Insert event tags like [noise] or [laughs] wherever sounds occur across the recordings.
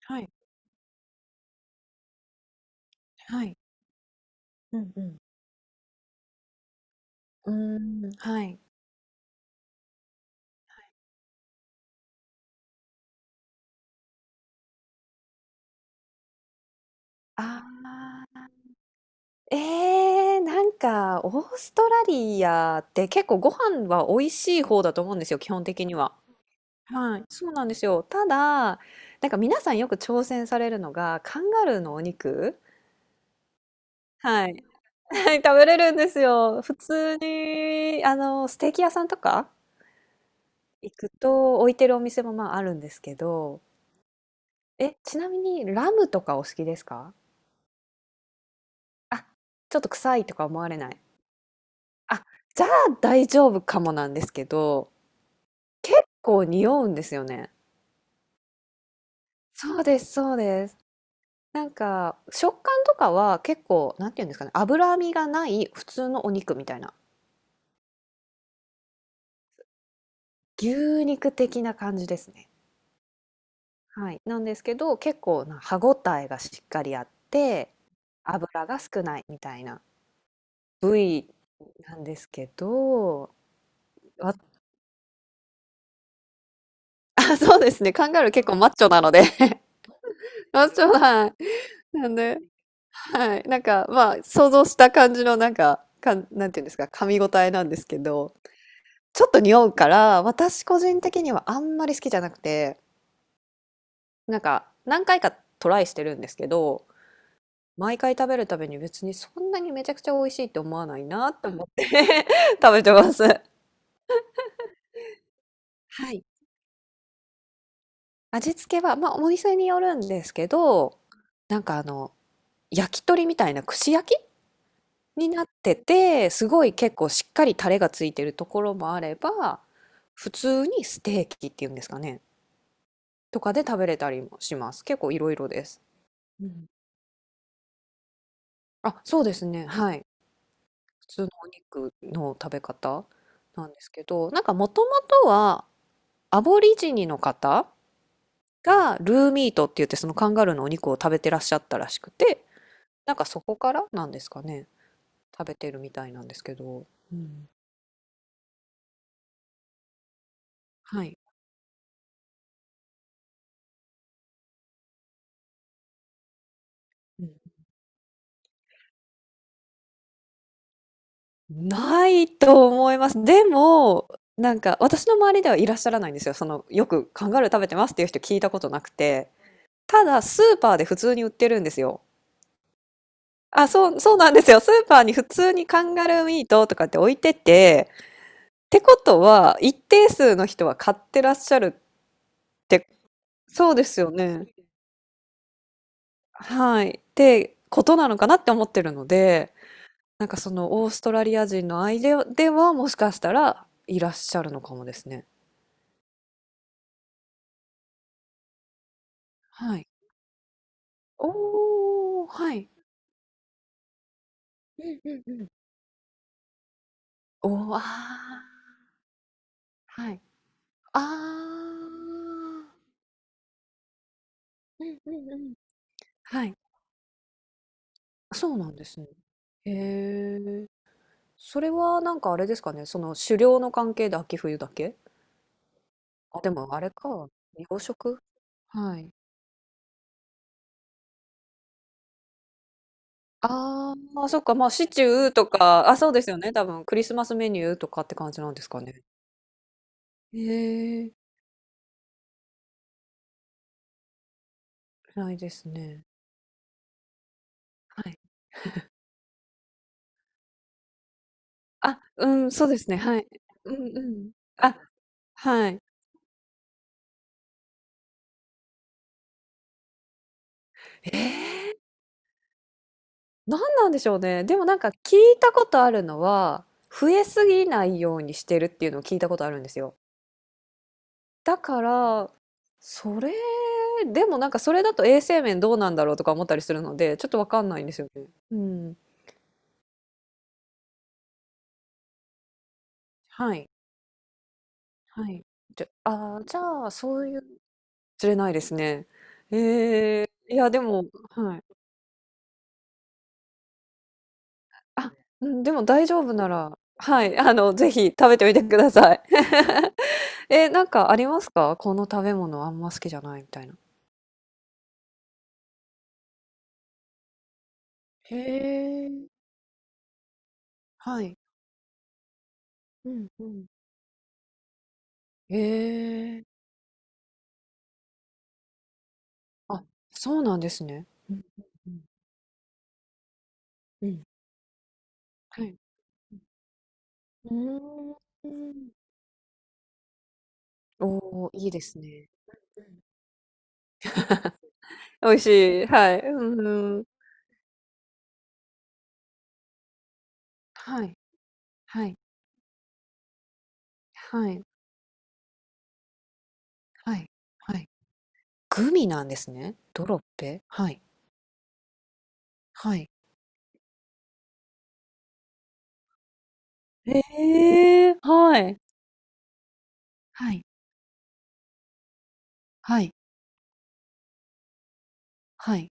はい、はい。うんうん。うーん、はい。えなんかオーストラリアって結構ご飯は美味しい方だと思うんですよ、基本的には。はい。そうなんですよ。ただ、なんか皆さんよく挑戦されるのが、カンガルーのお肉。はい。はい、[laughs] 食べれるんですよ。普通に、あの、ステーキ屋さんとか行くと置いてるお店も、まあ、あるんですけど、え、ちなみにラムとかお好きですか？あ、ちょっと臭いとか思われない？あ、じゃあ大丈夫かもなんですけど、こう匂うんですよね。そうです、そうです。なんか、食感とかは結構、なんていうんですかね、脂身がない普通のお肉みたいな、牛肉的な感じですね。はい。なんですけど、結構な歯ごたえがしっかりあって、脂が少ないみたいな部位なんですけど、わ。 [laughs] あ、そうですね、カンガルー結構マッチョなので [laughs]、マッチョな、なんで、はい、なんか、まあ、想像した感じの、なんか、かん、なんていうんですか、噛み応えなんですけど、ちょっと匂うから、私個人的にはあんまり好きじゃなくて、なんか、何回かトライしてるんですけど、毎回食べるたびに別にそんなにめちゃくちゃ美味しいって思わないなって思って [laughs] 食べてます。はい。味付けは、まあ、お店によるんですけど、なんかあの、焼き鳥みたいな串焼きになってて、すごい結構しっかりタレがついてるところもあれば、普通にステーキっていうんですかね、とかで食べれたりもします。結構いろいろです。うん。あ、そうですね、はい。普通のお肉の食べ方なんですけど、なんかもともとはアボリジニの方がルーミートって言ってそのカンガルーのお肉を食べてらっしゃったらしくて、なんかそこからなんですかね、食べてるみたいなんですけど。うん。はい。ないと思います。でも、なんか私の周りではいらっしゃらないんですよ。その、よくカンガルー食べてますっていう人聞いたことなくて。ただ、スーパーで普通に売ってるんですよ。あ、そうそうなんですよ。スーパーに普通にカンガルーミートとかって置いてて、ってことは、一定数の人は買ってらっしゃるって。そうですよね。はい。ってことなのかなって思ってるので、なんかその、オーストラリア人の間では、もしかしたらいらっしゃるのかもですね。はい。おお、はい。うんうんうん。おお、ああ、はい。ああ。うんうんうん。はい。そうなんですね。へえ。それはなんかあれですかね、その狩猟の関係で秋冬だけ？あ、でもあれか、養殖？はい。ああ、まあそっか、ま、あシチューとか、あ、そうですよね、多分クリスマスメニューとかって感じなんですかね。へえ、ないですね。はい。あ、うん、そうですね、はい。うんうん。あ、はい。ええ。なんなんでしょうね。でもなんか聞いたことあるのは、増えすぎないようにしてるっていうのを聞いたことあるんですよ。だから、それ、でもなんかそれだと衛生面どうなんだろうとか思ったりするので、ちょっとわかんないんですよね。うん。はい。はい。じゃ、ああ、じゃあ、そういう、しれないですね。ええ、いやでも、はい。あ、うん、でも大丈夫ならはい、あの、ぜひ食べてみてください。[laughs] え、なんかありますか？この食べ物あんま好きじゃないみたいな。へえ。はい。うんうん。へえ。あ、そうなんですね。うんうんうん。うん、はい。うん。うーん。おお、いいですね。うん。美味しい、はい。うんうん。はい、はい、はい、はい、はい。グミなんですね。ドロッペ？はい、はい。へえ、はい。はい、はい、はい。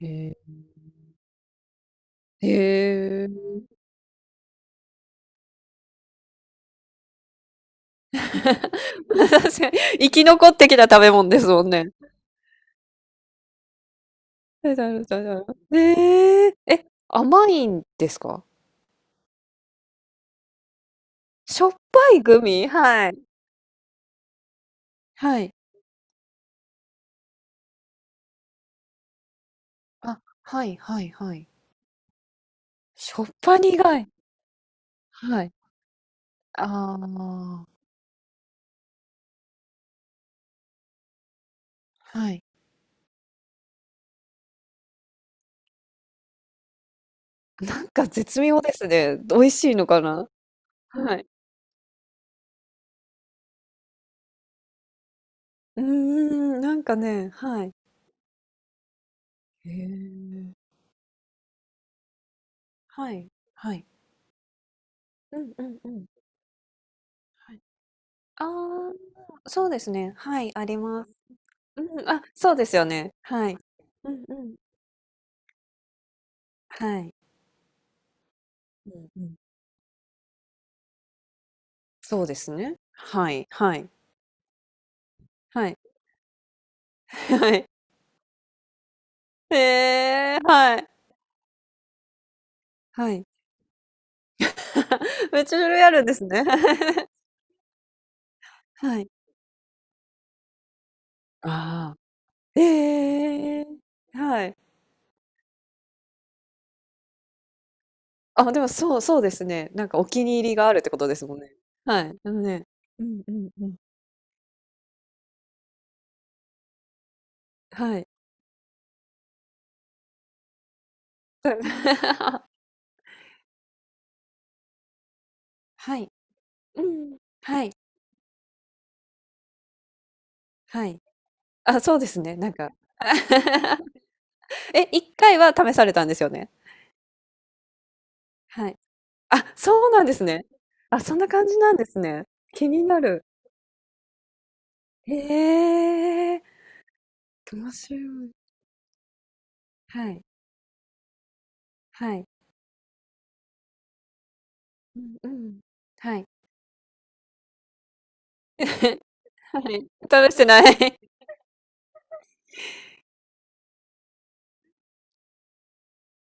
へえ。へえ。[laughs] 確かに生き残ってきた食べ物ですもんね。だだだだだ、え、ええ、甘いんですか？しょっぱいグミ？はい。はい。あ、はいはいはい。しょっぱ苦い。はい。ああ、はい。なんか絶妙ですね。美味しいのかな？はい。うん、ん、なんかね、はい。へえ。はい、はい。うんうんうん。はい。ああ、そうですね。はい、あります。うん、あ、そうですよね。はい。うんうん。はい。うんうん。そうですね。はい、はい。はい。[laughs] はい。へえ、はい。はい。[laughs] めっちゃ種類あるんですね。[laughs] はい。ああ、ええ、はい。あ、でもそうそうですね。なんかお気に入りがあるってことですもんね。はい。あのね、うんうんうん。はい。[laughs] はい。うん。はい、はい。あ、そうですね、なんか。[laughs] え、1回は試されたんですよね？はい。あ、そうなんですね。あ、そんな感じなんですね。気になる。へえ、面白い。はい、はい。うんうん。はい。[laughs] はい、試してない。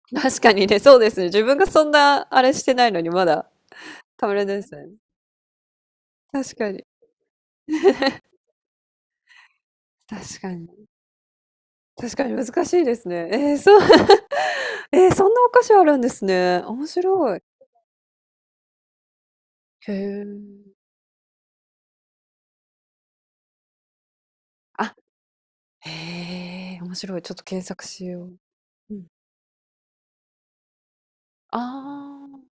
[laughs] 確かにね、そうですね。自分がそんなあれしてないのに、まだ、たまれですね。確かに。確かに。確かに難しいですね。ええ、そう。[laughs] ええ、そんなお菓子あるんですね。面白い。へえ。あ、へえ、面白い。ちょっと検索しよう。うん。ああ、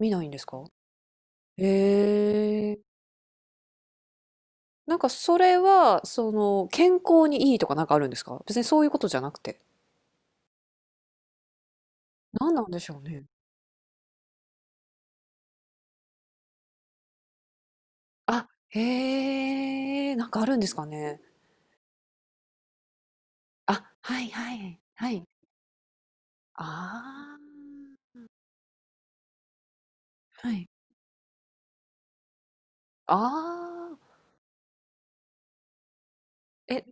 見ないんですか？へえ。なんかそれは、その、健康にいいとかなんかあるんですか別にそういうことじゃなくて。何なんでしょうね。あ、へえ、なんかあるんですかね。あ、はいはい。はい。ああ。はい。ああ。え、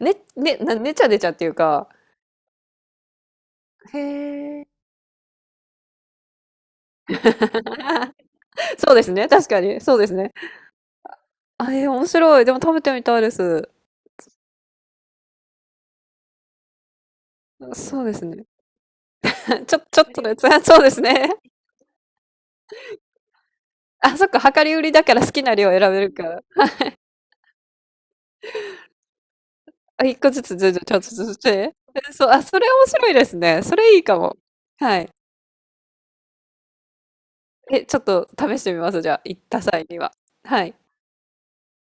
ね、ね、な、ねちゃねちゃっていうか。へえ。[laughs] そうですね。確かに。そうですね。あ、えー、面白い。でも食べてみたいです。そうですね。[laughs] ちょ、ちょっとのやつ。[laughs] そうですね。[laughs] あ、そっか。量り売りだから好きな量選べるから。あ、1個ずつ、ずずちょっとずつて。え、そう、あ、それ面白いですね。それいいかも。はい。え、ちょっと試してみます、じゃあ、行った際には。はい。